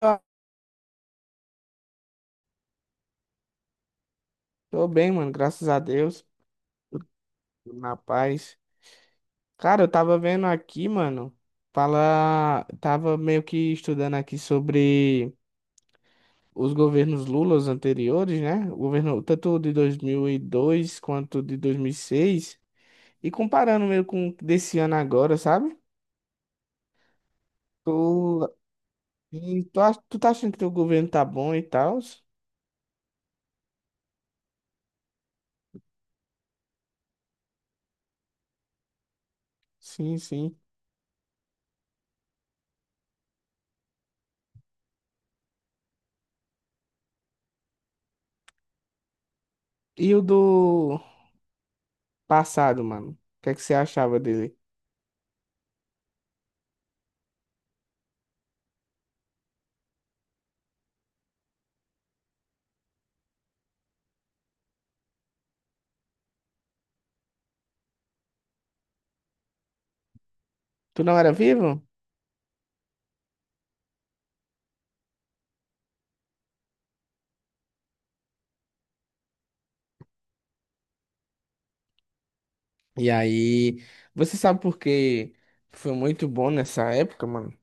Ah, Tô bem, mano, graças a Deus, tudo na paz. Cara, eu tava vendo aqui, mano, fala, tava meio que estudando aqui sobre os governos Lula, os anteriores, né? O governo tanto de 2002 quanto de 2006 e seis, e comparando meio com desse ano agora, sabe? Tu, tu tá achando que teu governo tá bom e tal? Sim, sim. E o do passado, mano? O que é que você achava dele? Tu não era vivo? E aí, você sabe por que foi muito bom nessa época, mano?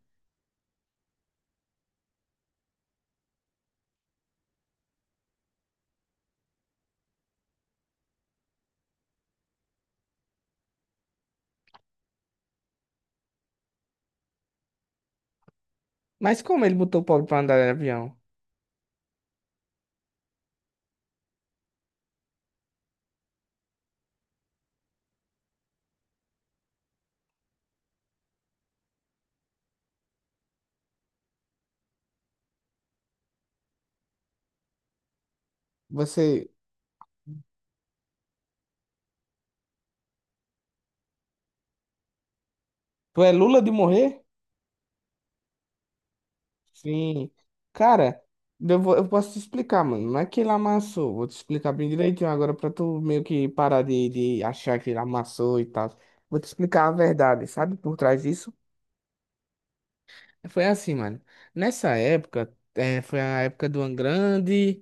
Mas como ele botou o pobre pra andar de avião? Você. Tu é Lula de morrer? Sim. Cara, eu posso te explicar, mano. Não é que ele amassou. Vou te explicar bem direitinho agora pra tu meio que parar de achar que ele amassou e tal. Vou te explicar a verdade, sabe? Por trás disso. Foi assim, mano. Nessa época, foi a época do Angrande.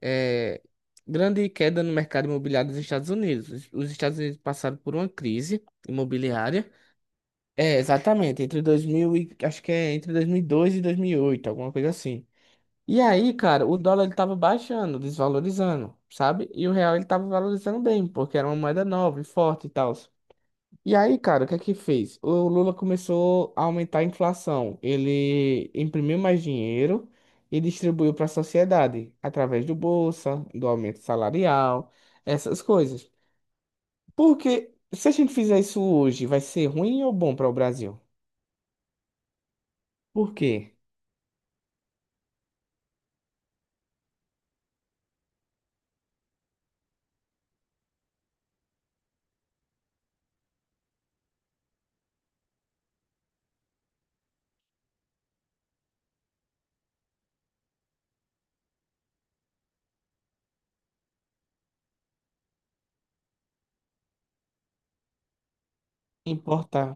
É, grande queda no mercado imobiliário dos Estados Unidos. Os Estados Unidos passaram por uma crise imobiliária. É, exatamente, entre 2000 e, acho que é entre 2002 e 2008, alguma coisa assim. E aí, cara, o dólar ele tava baixando, desvalorizando, sabe? E o real ele tava valorizando bem, porque era uma moeda nova e forte e tal. E aí, cara, o que é que fez? O Lula começou a aumentar a inflação. Ele imprimiu mais dinheiro e distribuiu para a sociedade, através do Bolsa, do aumento salarial, essas coisas. Porque se a gente fizer isso hoje, vai ser ruim ou bom para o Brasil? Por quê? Importar.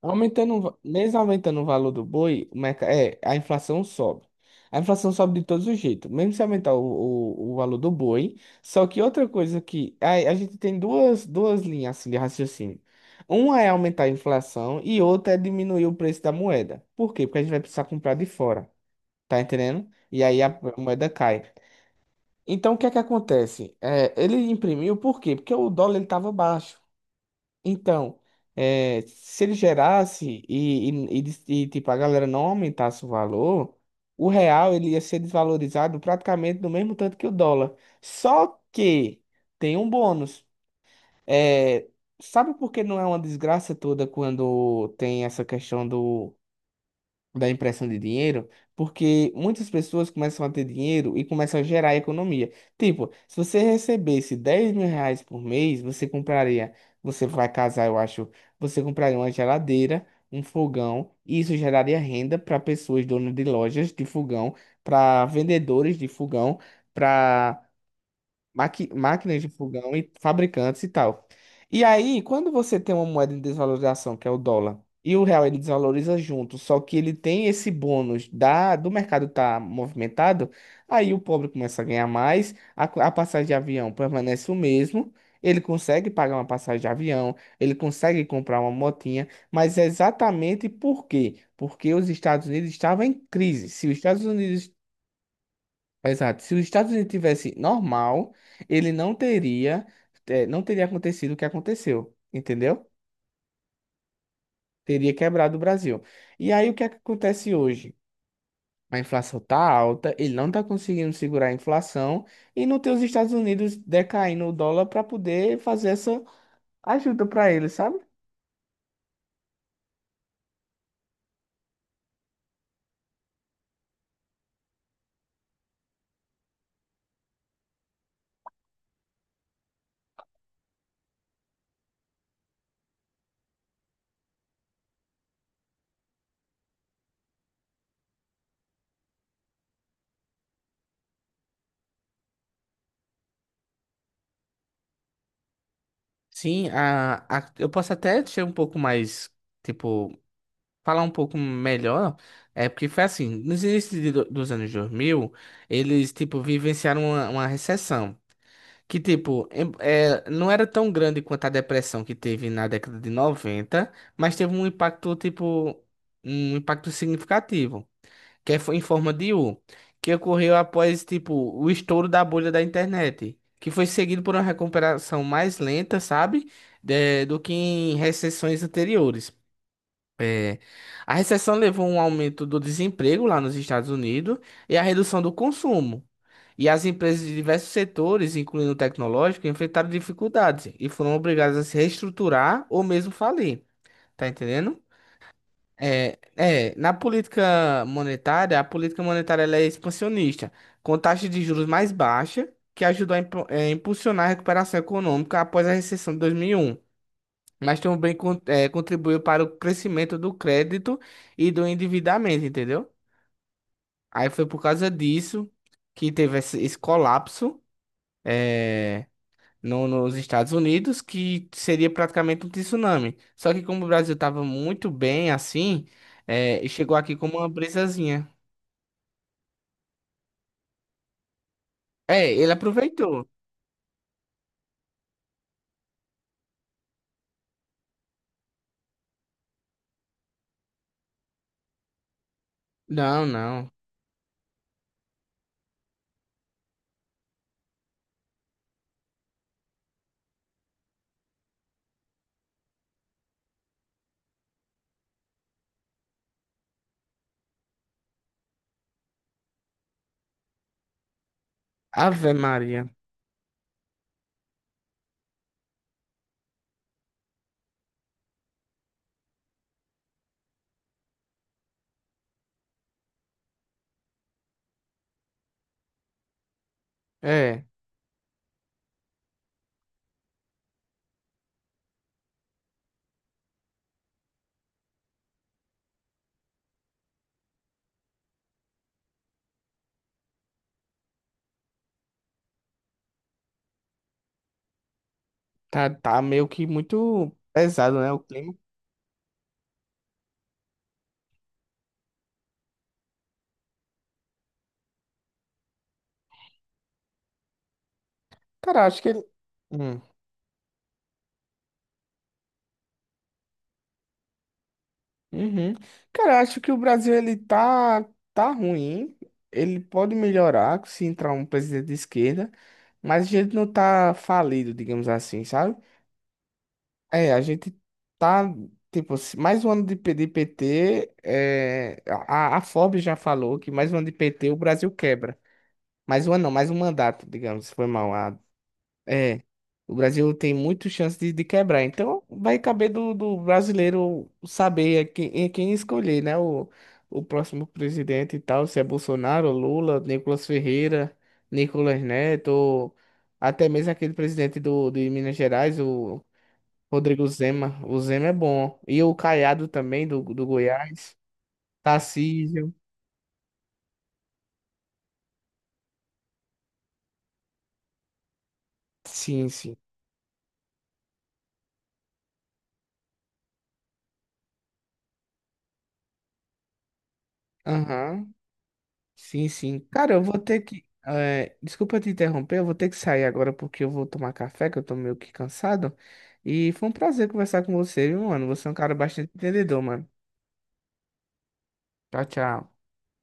Aumentando, mesmo aumentando o valor do boi, a inflação sobe. A inflação sobe de todos os jeitos, mesmo se aumentar o valor do boi. Só que outra coisa que a gente tem duas linhas assim, de raciocínio. Uma é aumentar a inflação e outra é diminuir o preço da moeda. Por quê? Porque a gente vai precisar comprar de fora, tá entendendo? E aí a moeda cai. Então o que é que acontece? É, ele imprimiu por quê? Porque o dólar ele estava baixo. Então, é, se ele gerasse e tipo, a galera não aumentasse o valor, o real ele ia ser desvalorizado praticamente do mesmo tanto que o dólar. Só que tem um bônus. É, sabe por que não é uma desgraça toda quando tem essa questão da impressão de dinheiro, porque muitas pessoas começam a ter dinheiro e começam a gerar economia. Tipo, se você recebesse 10 mil reais por mês, você compraria, você vai casar, eu acho, você compraria uma geladeira, um fogão, e isso geraria renda para pessoas donas de lojas de fogão, para vendedores de fogão, para máquinas de fogão e fabricantes e tal. E aí, quando você tem uma moeda em desvalorização, que é o dólar, e o real ele desvaloriza junto, só que ele tem esse bônus da do mercado estar movimentado, aí o pobre começa a ganhar mais, a passagem de avião permanece o mesmo. Ele consegue pagar uma passagem de avião, ele consegue comprar uma motinha, mas é exatamente por quê? Porque os Estados Unidos estavam em crise. Se os Estados Unidos. Exato. Se os Estados Unidos tivesse normal, ele não teria acontecido o que aconteceu, entendeu? Teria quebrado o Brasil. E aí o que é que acontece hoje? A inflação tá alta, ele não tá conseguindo segurar a inflação e não tem os Estados Unidos decaindo o dólar para poder fazer essa ajuda para ele, sabe? Sim, eu posso até ser um pouco mais, tipo, falar um pouco melhor, é porque foi assim, nos inícios dos anos 2000, eles, tipo, vivenciaram uma recessão, que, tipo, não era tão grande quanto a depressão que teve na década de 90, mas teve um impacto, tipo, um impacto significativo, que foi em forma de U, que ocorreu após, tipo, o estouro da bolha da internet, que foi seguido por uma recuperação mais lenta, sabe, do que em recessões anteriores. É, a recessão levou a um aumento do desemprego lá nos Estados Unidos e a redução do consumo. E as empresas de diversos setores, incluindo o tecnológico, enfrentaram dificuldades e foram obrigadas a se reestruturar ou mesmo falir. Tá entendendo? É, na política monetária, a política monetária ela é expansionista, com taxa de juros mais baixa, que ajudou a impulsionar a recuperação econômica após a recessão de 2001, mas também contribuiu para o crescimento do crédito e do endividamento, entendeu? Aí foi por causa disso que teve esse colapso, eh, nos Estados Unidos, que seria praticamente um tsunami. Só que como o Brasil estava muito bem assim, chegou aqui como uma brisazinha. É, ele aproveitou. Não, não. Ave Maria. É, tá meio que muito pesado, né, o clima. Cara, acho que ele... Hum. Uhum. Cara, acho que o Brasil ele tá ruim. Ele pode melhorar se entrar um presidente de esquerda, mas a gente não tá falido, digamos assim, sabe? É, a gente tá, tipo, mais um ano de PT, é, a Forbes já falou que mais um ano de PT o Brasil quebra. Mais um ano não, mais um mandato, digamos, foi mal, é, o Brasil tem muito chance de quebrar. Então, vai caber do brasileiro saber a quem, em quem escolher, né? O próximo presidente e tal, se é Bolsonaro, Lula, Nicolas Ferreira, Nicolas Neto, ou até mesmo aquele presidente de Minas Gerais, o Rodrigo Zema. O Zema é bom. E o Caiado também, do Goiás. Tarcísio. Sim, sim. Aham. Sim, sim. Cara, eu vou ter que. Eh, desculpa te interromper, eu vou ter que sair agora porque eu vou tomar café, que eu tô meio que cansado. E foi um prazer conversar com você, viu, mano? Você é um cara bastante entendedor, mano. Tchau, tchau.